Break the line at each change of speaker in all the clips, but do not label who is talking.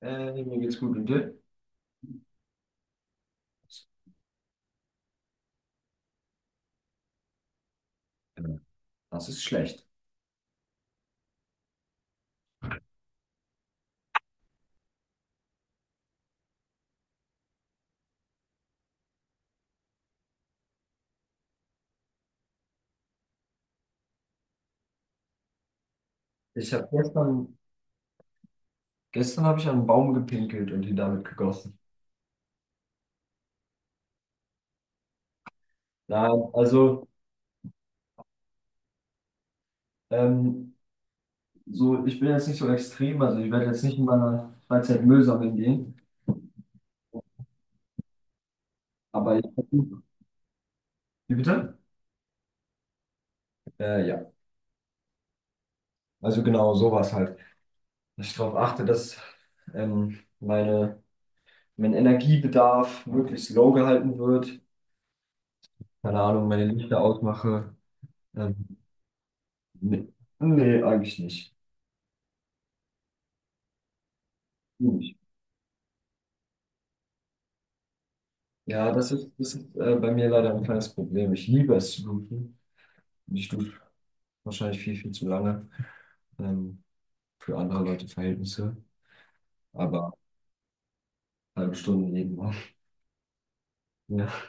Mir geht's gut, und dir? Ja. Das ist schlecht. Ich habe gestern, gestern habe ich an einen Baum gepinkelt und ihn damit gegossen. Nein, also ähm, ich bin jetzt nicht so extrem, also ich werde jetzt nicht in meiner Freizeit Müll sammeln gehen, aber ich versuche. Wie bitte? Ja, also genau sowas halt. Dass ich darauf achte, dass ähm, meine, mein Energiebedarf möglichst low gehalten wird. Keine Ahnung, meine Lichter ausmache. Ähm, nee, nee, eigentlich nicht. Ja, das ist bei mir leider ein kleines Problem. Ich liebe es zu duschen. Und ich dusche wahrscheinlich viel, viel zu lange ähm, für andere Leute Verhältnisse. Aber halbe Stunde jeden Morgen. Ja.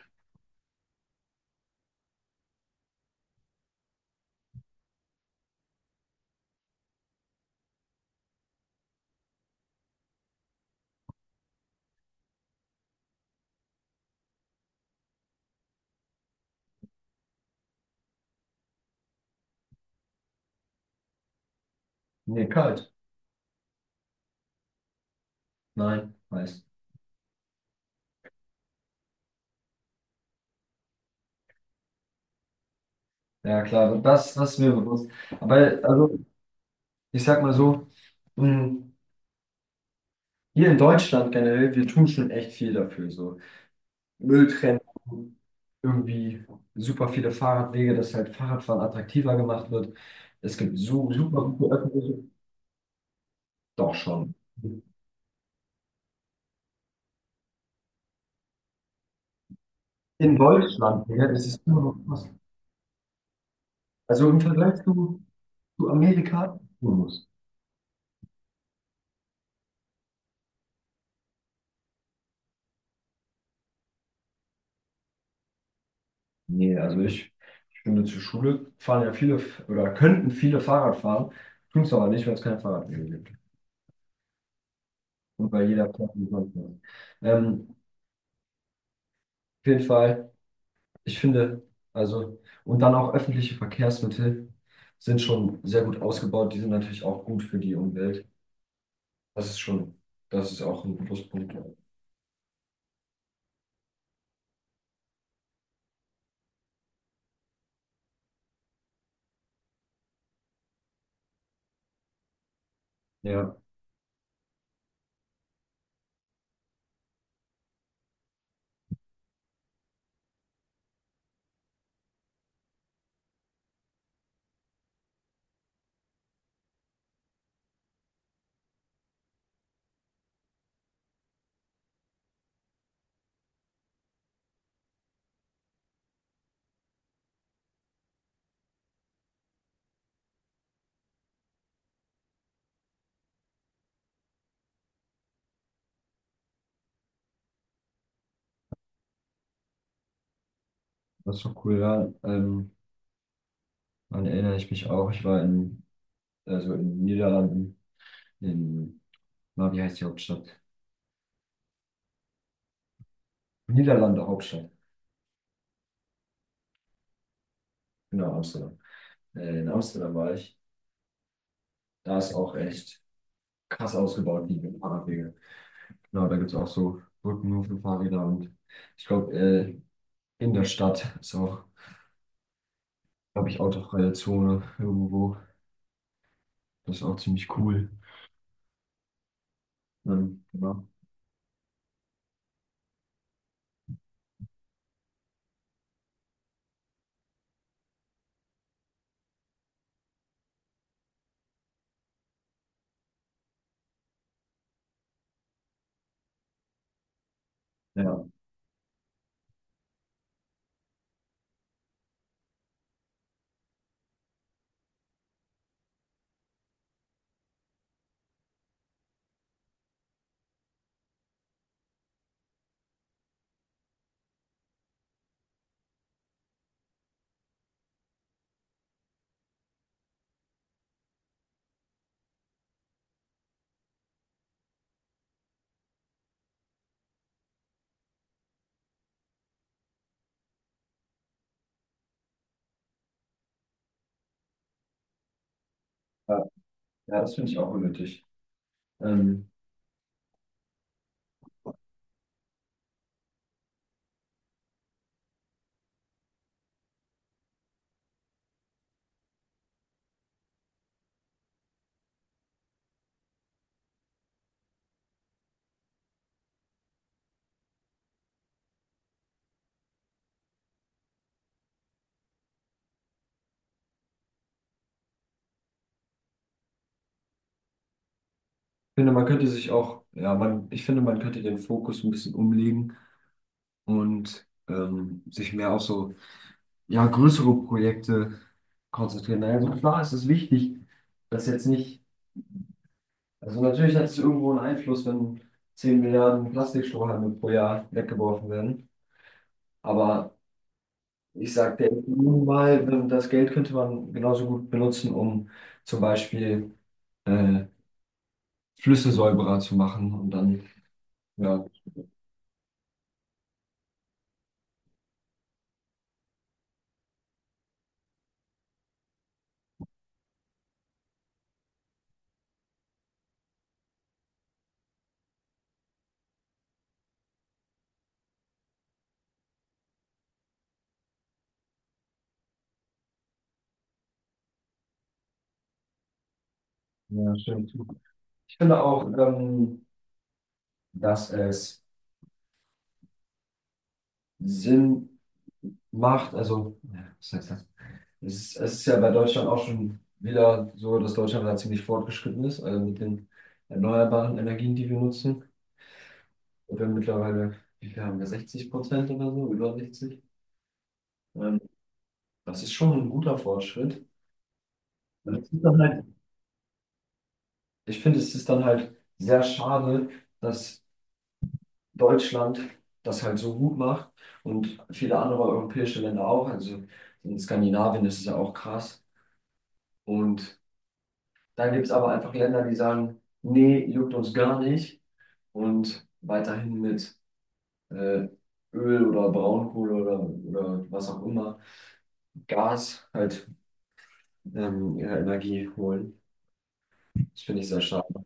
Nee, kalt. Nein, heiß. Ja, klar, das ist mir bewusst. Aber also, ich sag mal so, mh, hier in Deutschland generell, wir tun schon echt viel dafür. So Mülltrennung, irgendwie super viele Fahrradwege, dass halt Fahrradfahren attraktiver gemacht wird. Es gibt so super gute öffentliche. Doch schon. In Deutschland, ja, das ist immer noch krass. Also im Vergleich zu Amerika, muss. Nee, ich finde, zur Schule fahren ja viele, oder könnten viele Fahrrad fahren, tun es aber nicht, weil es keine Fahrradwege gibt. Und weil jeder fährt wie sonst was. Ähm, auf jeden Fall, ich finde, also, und dann auch öffentliche Verkehrsmittel sind schon sehr gut ausgebaut. Die sind natürlich auch gut für die Umwelt. Das ist schon, das ist auch ein Pluspunkt. Ja, das ist doch cool, ja. Daran erinnere ich mich auch. Also in den Niederlanden, in, na, wie heißt die Hauptstadt? Niederlande Hauptstadt. Genau, Amsterdam. In Amsterdam war ich. Da ist auch echt krass ausgebaut, die Fahrradwege. Genau, da gibt es auch so Brücken nur für Fahrräder, und ich glaube, in der Stadt ist auch, glaube ich, autofreie Zone irgendwo. Das ist auch ziemlich cool. Genau. Ja, ja, ja, das finde ich auch unnötig. Ähm, ich finde, man könnte sich auch, ja, man, ich finde, man könnte den Fokus ein bisschen umlegen und sich mehr auf so ja, größere Projekte konzentrieren. Also klar ist es wichtig, dass jetzt nicht, also natürlich hat es irgendwo einen Einfluss, wenn 10 Milliarden Plastikstrohhalme pro Jahr weggeworfen werden, aber ich sage, der minimal, wenn das Geld könnte man genauso gut benutzen, um zum Beispiel äh, Flüsse säuberer zu machen und dann, ja, ja, stimmt. Ich finde auch, dass es Sinn macht, also, ja, was heißt das? Es ist ja bei Deutschland auch schon wieder so, dass Deutschland da ziemlich fortgeschritten ist, also mit den erneuerbaren Energien, die wir nutzen. Und wir mittlerweile, wie viel haben wir, 60% oder so, über 60. Ähm, das ist schon ein guter Fortschritt. Und es ist dann halt, ich finde, es ist dann halt sehr schade, dass Deutschland das halt so gut macht und viele andere europäische Länder auch. Also in Skandinavien ist es ja auch krass. Und dann gibt es aber einfach Länder, die sagen, nee, juckt uns gar nicht, und weiterhin mit äh, Öl oder Braunkohle oder was auch immer Gas halt ihre Energie holen. Das finde ich sehr schade.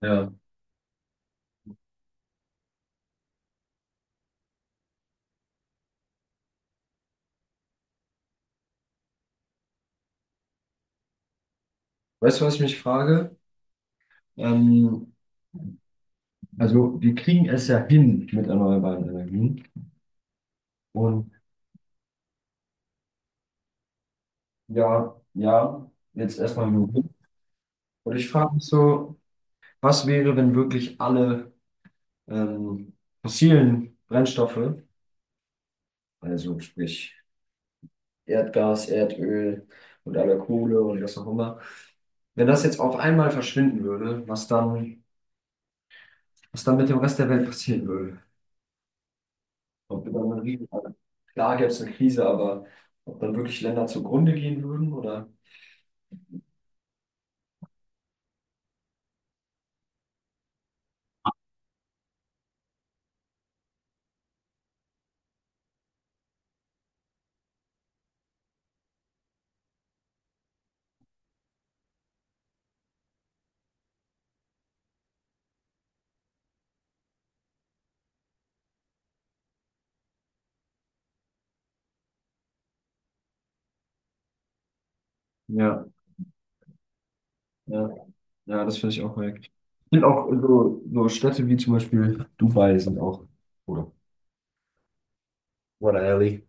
Ja. Weißt du, was ich mich frage? Ähm, also wir kriegen es ja hin mit erneuerbaren Energien. Und ja, ja, jetzt erstmal nur hin. Und ich frage mich so, was wäre, wenn wirklich alle ähm, fossilen Brennstoffe, also sprich Erdgas, Erdöl und aller Kohle und was auch immer. Wenn das jetzt auf einmal verschwinden würde, was dann mit dem Rest der Welt passieren würde? Ob wir dann eine riesen, klar gäbe es eine Krise, aber ob dann wirklich Länder zugrunde gehen würden oder? Ja, ja, ja, das finde ich auch weg. Ich finde auch so, so Städte wie zum Beispiel Dubai sind auch, oder? What a